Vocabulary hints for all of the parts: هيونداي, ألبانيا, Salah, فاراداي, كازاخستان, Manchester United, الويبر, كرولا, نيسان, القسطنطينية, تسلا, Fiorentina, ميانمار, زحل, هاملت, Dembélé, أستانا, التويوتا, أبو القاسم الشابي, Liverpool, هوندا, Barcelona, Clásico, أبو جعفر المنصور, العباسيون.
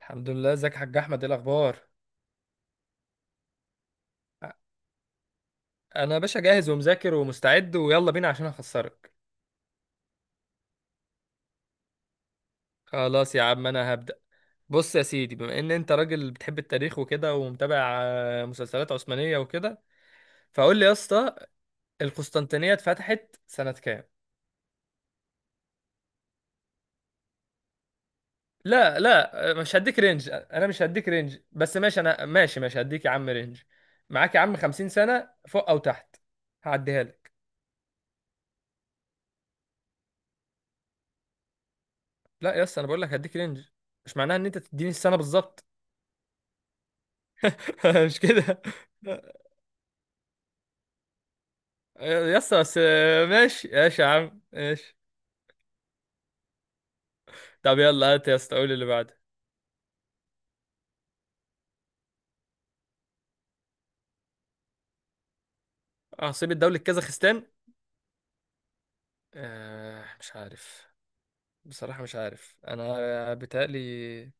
الحمد لله، ازيك يا حاج احمد؟ ايه الاخبار؟ انا يا باشا جاهز ومذاكر ومستعد، ويلا بينا عشان اخسرك. خلاص يا عم انا هبدأ. بص يا سيدي، بما ان انت راجل بتحب التاريخ وكده ومتابع مسلسلات عثمانية وكده، فقول لي يا اسطى، القسطنطينية اتفتحت سنة كام؟ لا، مش هديك رينج، انا مش هديك رينج، بس ماشي، انا ماشي ماشي، هديك يا عم رينج. معاك يا عم 50 سنة فوق او تحت. هعديها لك. لا يا اسطى، انا بقول لك هديك رينج، مش معناها ان انت تديني السنة بالظبط. مش كده؟ يا اسطى بس ماشي ماشي، يا عم ماشي. طب يلا هات يا اسطى، قول اللي بعده. عاصمة دولة كازاخستان؟ آه، مش عارف. بصراحة مش عارف، انا بيتهيألي،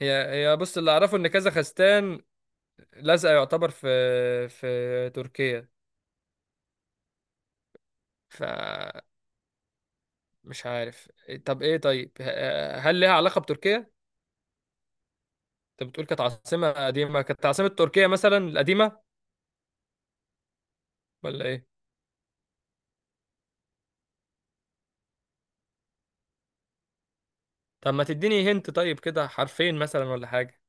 هي هي بص، اللي اعرفه ان كازاخستان لازقة يعتبر في تركيا. فمش عارف. طب ايه؟ طيب هل ليها علاقة بتركيا؟ انت بتقول كانت عاصمة قديمة، كانت عاصمة تركيا مثلا القديمة ولا ايه؟ طب ما تديني هنت طيب، كده حرفين مثلا ولا حاجة.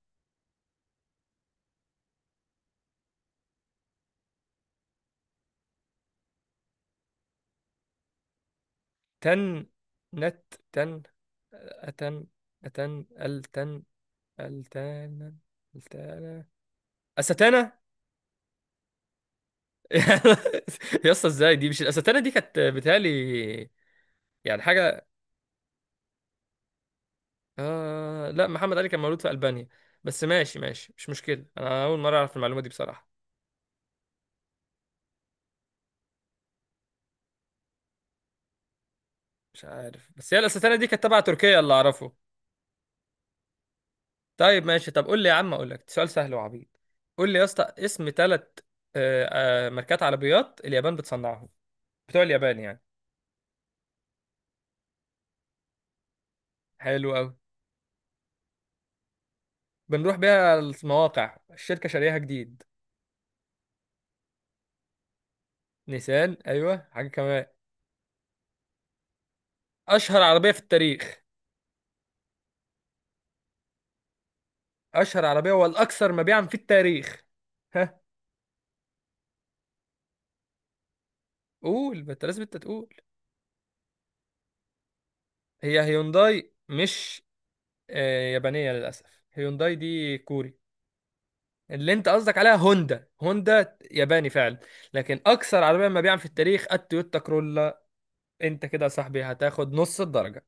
تن، نت، تن، أتن، أتن، التن، التان، التانا، أستانا. يا اسطى، ازاي؟ دي مش الأستانا؟ دي كانت بتهيألي يعني حاجة. آه لا، محمد علي كان مولود في ألبانيا. بس ماشي ماشي، مش مشكلة، أنا أول مرة أعرف المعلومة دي بصراحة. مش عارف، بس هي الأستانا دي كانت تبع تركيا اللي أعرفه. طيب ماشي. طب قول لي يا عم، أقول لك سؤال سهل وعبيط. قول لي يا اسطى، اسم ثلاث ماركات عربيات اليابان بتصنعهم، بتوع اليابان يعني. حلو قوي، بنروح بيها المواقع الشركة شاريها جديد. نيسان، ايوه، حاجة كمان، اشهر عربية في التاريخ، اشهر عربية والاكثر مبيعا في التاريخ. ها؟ قول، ما انت لازم انت تقول. هي هيونداي؟ مش آه، يابانية للاسف. هيونداي دي كوري. اللي انت قصدك عليها هوندا، هوندا ياباني فعلا، لكن اكثر عربية مبيعا في التاريخ التويوتا كرولا. انت كده يا صاحبي هتاخد نص الدرجة.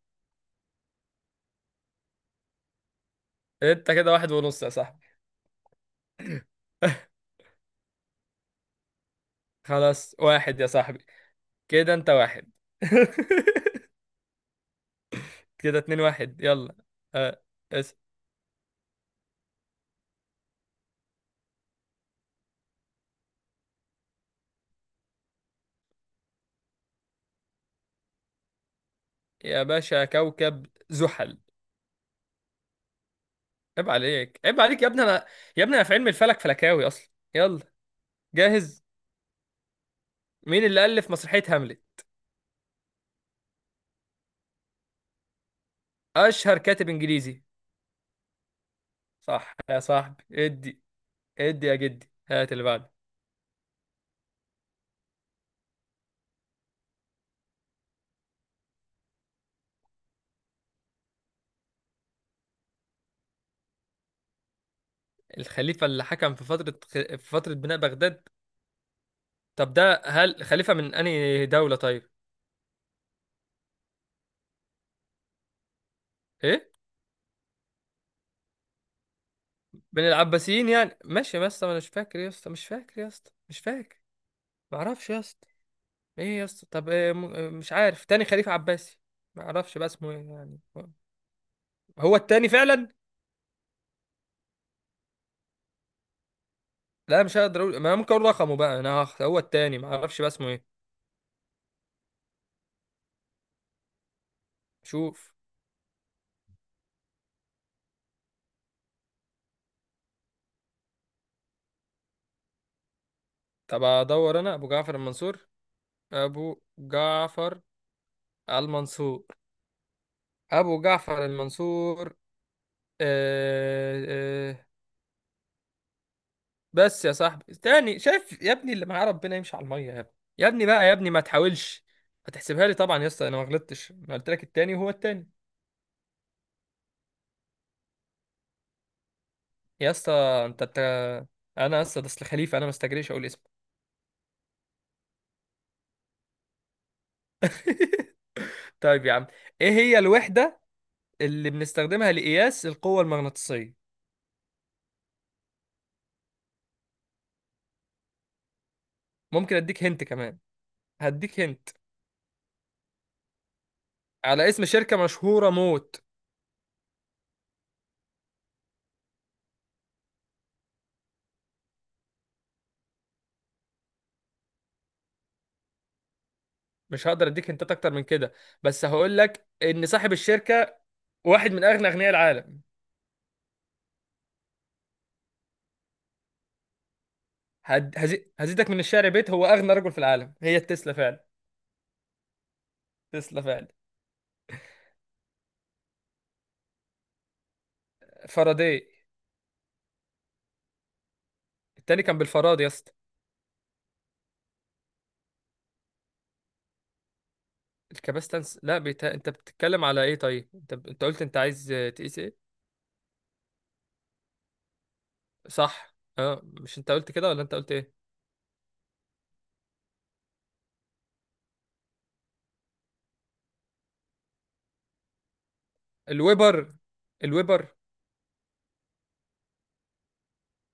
انت كده واحد ونص يا صاحبي. خلاص، واحد يا صاحبي. كده انت واحد. كده اتنين واحد، يلا. آه. اس. يا باشا، كوكب زحل. عيب عليك، عيب عليك يا ابني. انا يا ابني انا في علم الفلك فلكاوي اصلا، يلا جاهز. مين اللي الف مسرحية هاملت، اشهر كاتب انجليزي؟ صح يا صاحبي، ادي. ادي يا جدي، هات اللي بعده. الخليفة اللي حكم في فترة بناء بغداد؟ طب ده هل خليفة من انهي دولة طيب؟ ايه؟ من العباسيين يعني؟ ماشي يا اسطى، ما انا مش فاكر يا اسطى، مش فاكر يا اسطى، مش فاكر. معرفش يا اسطى. ايه يا اسطى؟ طب إيه إيه؟ مش عارف تاني خليفة عباسي. معرفش بقى اسمه ايه يعني. هو التاني فعلا. لا، مش هقدر اقول. ما أنا ممكن اقول رقمه بقى، انا هو التاني، معرفش بقى اسمه ايه. شوف. طب ادور انا، ابو جعفر المنصور ابو جعفر المنصور. آه. آه. بس يا صاحبي، تاني؟ شايف يا ابني؟ اللي معاه ربنا يمشي على المية. يا ابني، يا ابني بقى يا ابني، ما تحاولش. هتحسبها لي طبعا يا اسطى، انا ما غلطتش، انا قلت لك التاني وهو التاني. يا اسطى، انت انا اسطى ده، اصل خليفه انا ما استجريش اقول اسمه. طيب يا عم، ايه هي الوحده اللي بنستخدمها لقياس القوه المغناطيسيه؟ ممكن اديك هنت كمان، هديك هنت، على اسم شركه مشهوره موت. مش هقدر اديك هنتات اكتر من كده، بس هقول لك ان صاحب الشركه واحد من اغنى اغنياء العالم. هزيدك من الشعر بيت، هو اغنى رجل في العالم. هي التسلا فعلا، تسلا فعلا. فاراداي؟ التاني كان بالفراد يا اسطى. الكباستنس؟ لا، انت بتتكلم على ايه طيب؟ انت انت قلت انت عايز تقيس ايه؟ صح، اه، مش انت قلت كده ولا انت قلت ايه؟ الويبر، الويبر.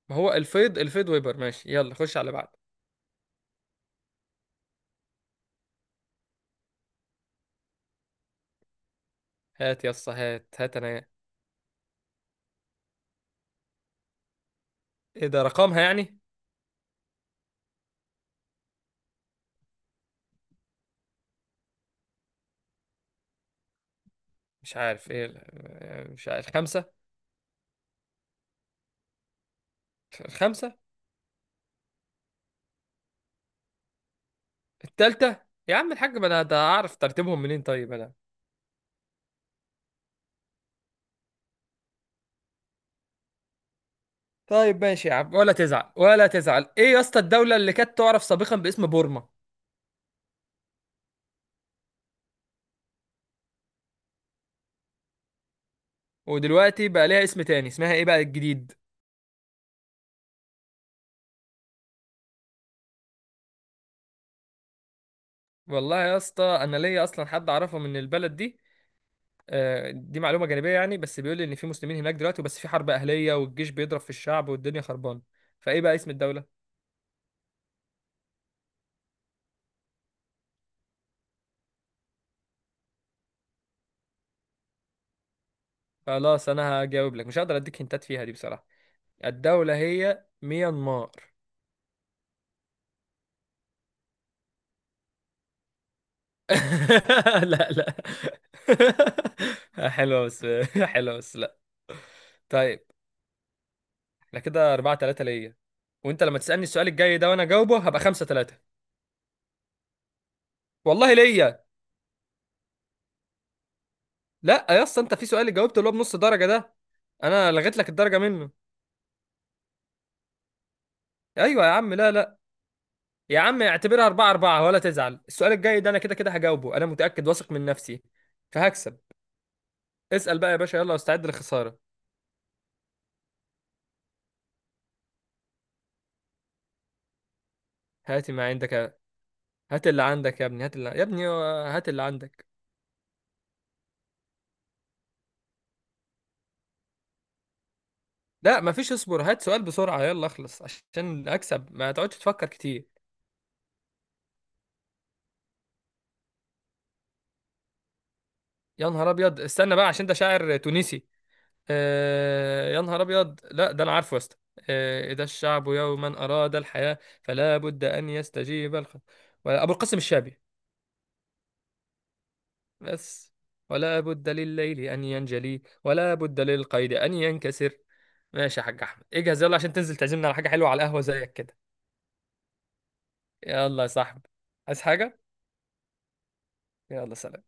ما هو الفيض، الفيض ويبر. ماشي، يلا خش على بعض. هات يسا، هات انا. ايه ده؟ رقمها يعني؟ مش عارف، ايه مش عارف. خمسة؟ الخمسة؟ التالتة؟ يا عم الحاج، ما انا ده اعرف ترتيبهم منين طيب انا؟ طيب ماشي يا عم، ولا تزعل، ولا تزعل. ايه يا اسطى الدولة اللي كانت تعرف سابقا باسم بورما، ودلوقتي بقى ليها اسم تاني، اسمها ايه بقى الجديد؟ والله يا اسطى، انا ليا اصلا حد اعرفه من البلد دي. دي معلومه جانبيه يعني، بس بيقول لي ان في مسلمين هناك دلوقتي، وبس في حرب اهليه والجيش بيضرب في الشعب والدنيا خربانه. فايه بقى اسم الدوله؟ خلاص انا هجاوب لك، مش هقدر اديك هنتات فيها دي بصراحه. الدوله هي ميانمار. لا لا. حلوه بس، حلوه بس، لا. طيب احنا كده 4-3 ليا، وانت لما تسالني السؤال الجاي ده وانا جاوبه هبقى 5-3. والله ليا. لا يا اسطى، انت في سؤال اللي جاوبته اللي هو بنص درجه ده، انا لغيت لك الدرجه منه. ايوه يا عم، لا لا. يا عم اعتبرها 4-4 ولا تزعل، السؤال الجاي ده انا كده كده هجاوبه، انا متاكد واثق من نفسي فهكسب. اسال بقى يا باشا، يلا استعد للخساره. هات ما عندك يا-، هات اللي عندك يا ابني، هات اللي يا ابني، هات اللي عندك. لا مفيش اصبر، هات سؤال بسرعه، يلا اخلص عشان اكسب، ما تقعدش تفكر كتير. يا نهار ابيض، استنى بقى، عشان ده شاعر تونسي. آه يا نهار ابيض، لا ده انا عارفه يا اسطى. آه، اذا الشعب يوما اراد الحياه فلا بد ان يستجيب الخ... ولا-، ابو القاسم الشابي. بس، ولا بد لليل ان ينجلي ولا بد للقيد ان ينكسر. ماشي يا حاج احمد، اجهز يلا عشان تنزل تعزمنا على حاجه حلوه، على القهوه زيك كده. يلا يا صاحبي. عايز حاجه؟ يلا سلام.